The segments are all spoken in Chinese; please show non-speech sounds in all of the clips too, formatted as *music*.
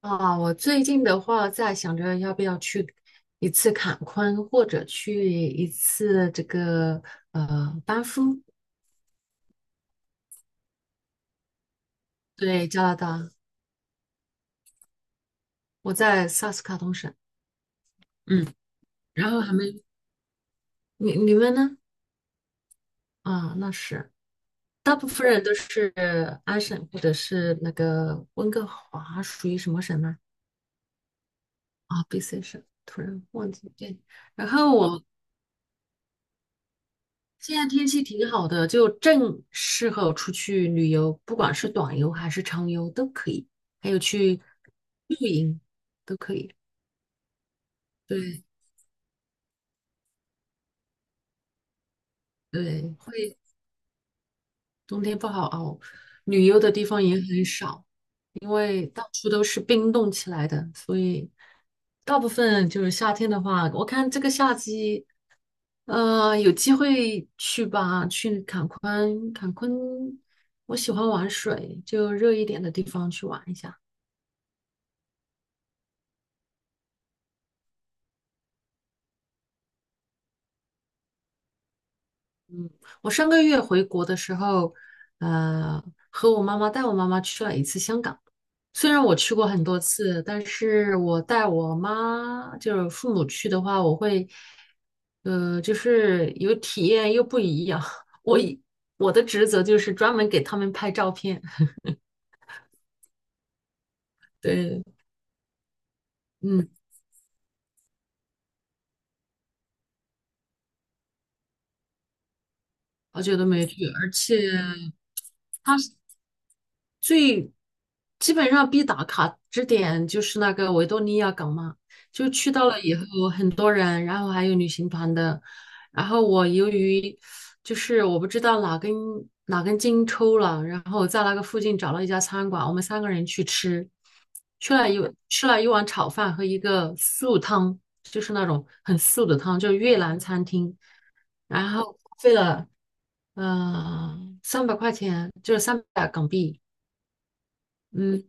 啊，我最近的话在想着要不要去一次坎昆，或者去一次这个班夫，对，加拿大，我在萨斯卡通省，嗯，然后还没你们呢？啊，那是大部分人都是安省或者是那个温哥华，属于什么省呢？啊，BC 省，突然忘记对，然后我现在天气挺好的，就正适合出去旅游，不管是短游还是长游都可以，还有去露营都可以。对对，会冬天不好熬，旅游的地方也很少，因为到处都是冰冻起来的，所以大部分就是夏天的话，我看这个夏季，有机会去吧，去坎昆，坎昆，我喜欢玩水，就热一点的地方去玩一下。我上个月回国的时候，呃，和我妈妈带我妈妈去了一次香港。虽然我去过很多次，但是我带我妈就是父母去的话，我会，就是有体验又不一样。*laughs* 我以我的职责就是专门给他们拍照片。对，嗯，好久都没去，而且。最基本上必打卡之点就是那个维多利亚港嘛，就去到了以后很多人，然后还有旅行团的，然后我由于就是我不知道哪根筋抽了，然后在那个附近找了一家餐馆，我们三个人去吃，吃了一吃了一碗炒饭和一个素汤，就是那种很素的汤，就是越南餐厅，然后花费了呃300块钱，就是300港币。嗯，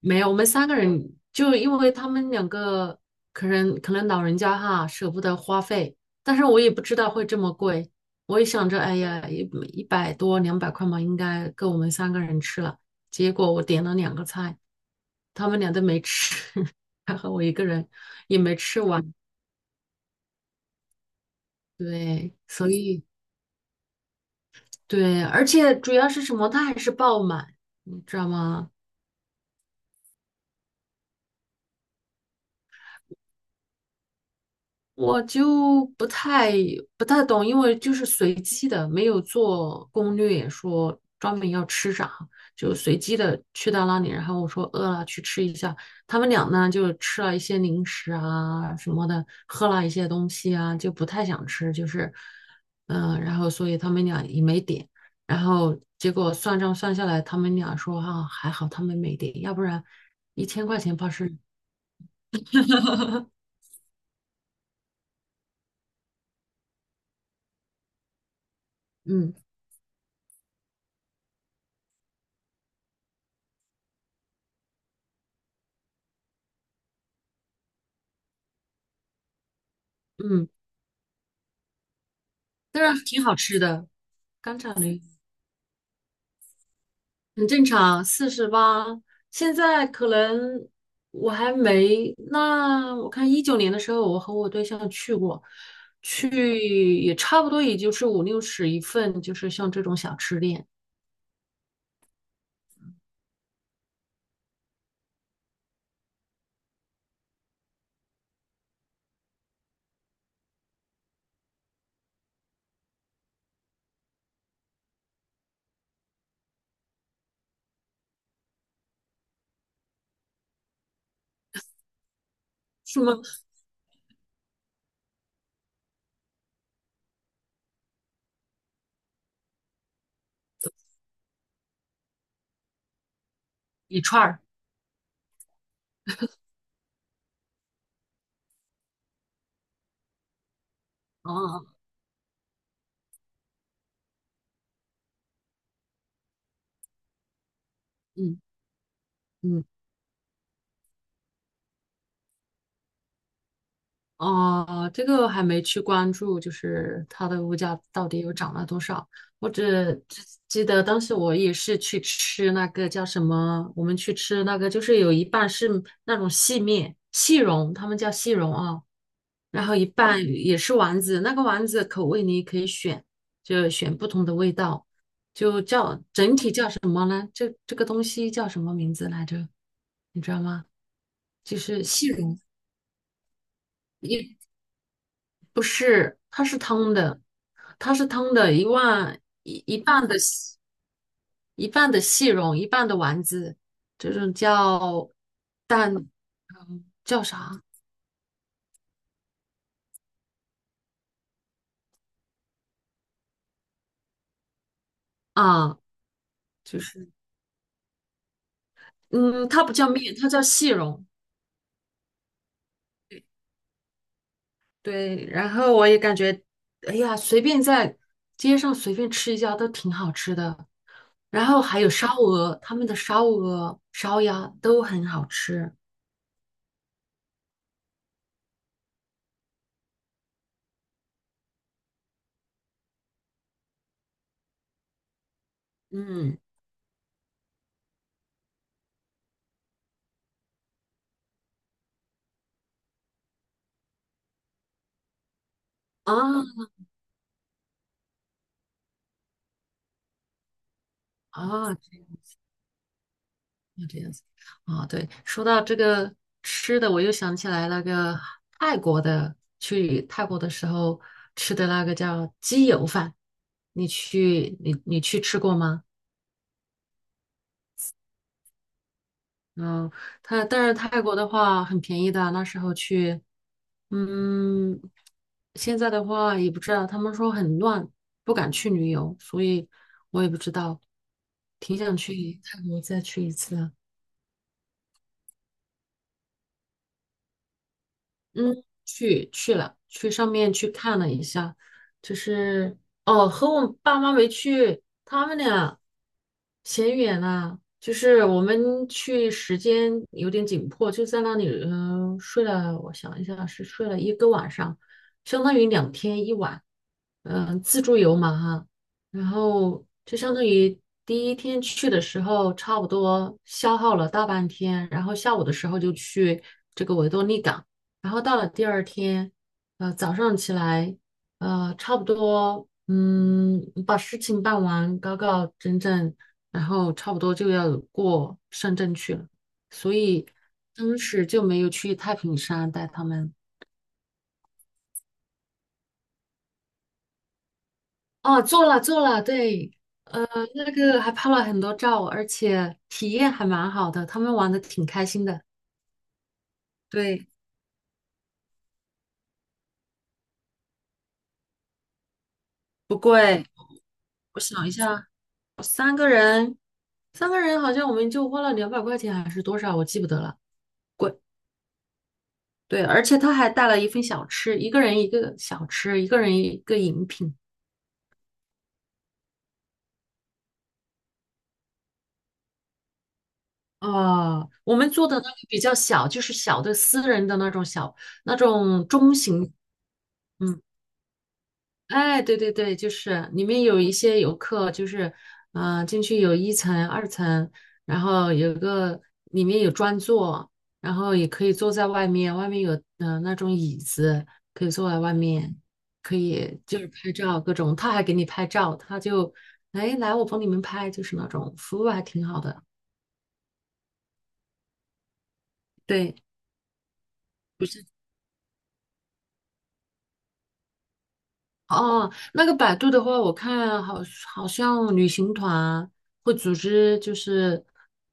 没有，我们三个人就因为他们两个可能老人家哈舍不得花费，但是我也不知道会这么贵，我也想着哎呀100多200块嘛，应该够我们三个人吃了。结果我点了两个菜，他们俩都没吃，*laughs* 还好我一个人也没吃完。对，所以对，而且主要是什么，它还是爆满，你知道吗？我就不太懂，因为就是随机的，没有做攻略说专门要吃啥，就随机的去到那里，然后我说饿了去吃一下，他们俩呢就吃了一些零食啊什么的，喝了一些东西啊，就不太想吃，就是然后所以他们俩也没点，然后结果算账算下来，他们俩说哈还好他们没点，要不然1000块钱怕是 *laughs* 嗯嗯，但是挺好吃的。干炒梨很正常，48。现在可能我还没，那我看19年的时候，我和我对象去过，去也差不多，也就是五六十一份，就是像这种小吃店，什么一串儿，啊，嗯嗯。哦，这个还没去关注，就是它的物价到底又涨了多少？我只记得当时我也是去吃那个叫什么，我们去吃那个就是有一半是那种细面、细蓉，他们叫细蓉啊，然后一半也是丸子，那个丸子口味你可以选，就选不同的味道，就叫整体这个东西叫什么名字来着？你知道吗？就是细蓉。不是，它是汤的，一万一一半的细蓉，一半的丸子，这种叫蛋叫啥啊？就是嗯，它不叫面，它叫细蓉。对，然后我也感觉，哎呀，随便在街上随便吃一家都挺好吃的。然后还有烧鹅，他们的烧鹅、烧鸭都很好吃。嗯啊啊，那这样子啊，对，说到这个吃的，我又想起来那个泰国的，去泰国的时候吃的那个叫鸡油饭，你去吃过吗？嗯，它但是泰国的话很便宜的，那时候去，嗯，现在的话也不知道，他们说很乱，不敢去旅游，所以我也不知道，挺想去泰国再去一次的。嗯，去了，去上面去看了一下，就是哦，和我爸妈没去，他们俩嫌远了，就是我们去时间有点紧迫，就在那里，睡了，我想一下，是睡了一个晚上，相当于2天1晚，自助游嘛哈，然后就相当于第一天去的时候，差不多消耗了大半天，然后下午的时候就去这个维多利港。然后到了第二天，早上起来，差不多，把事情办完，搞搞整整，然后差不多就要过深圳去了，所以当时就没有去太平山带他们。哦，做了做了，对，那个还拍了很多照，而且体验还蛮好的，他们玩的挺开心的。对，不贵，我想一下，嗯，三个人好像我们就花了200块钱还是多少，我记不得了。对，而且他还带了一份小吃，一个人一个小吃，一个人一个饮品。啊，我们做的那个比较小，就是小的私人的那种中型，嗯，哎，对对对，就是里面有一些游客，就是，进去有一层、二层，然后里面有专座，然后也可以坐在外面，外面有那种椅子，可以坐在外面，可以就是拍照各种，他还给你拍照，他就，哎，来我帮你们拍，就是那种服务还挺好的，对，不是。哦，那个百度的话，我看好像旅行团会组织，就是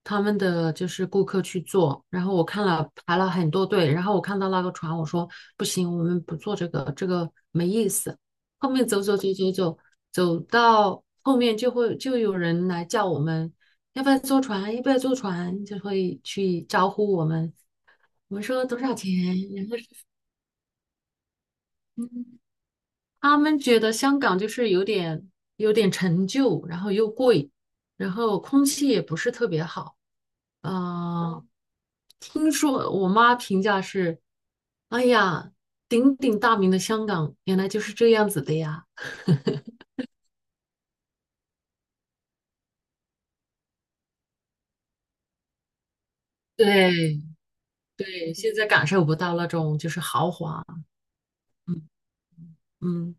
他们的就是顾客去做。然后我看了排了很多队，然后我看到那个船，我说不行，我们不坐这个，这个没意思。后面走走走走走，走到后面就有人来叫我们，要不要坐船？要不要坐船？就会去招呼我们。我们说多少钱？他们觉得香港就是有点陈旧，然后又贵，然后空气也不是特别好。呃，听说我妈评价是，哎呀，鼎鼎大名的香港原来就是这样子的呀。对对，现在感受不到那种就是豪华。嗯，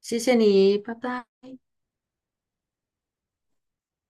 谢谢你，拜拜。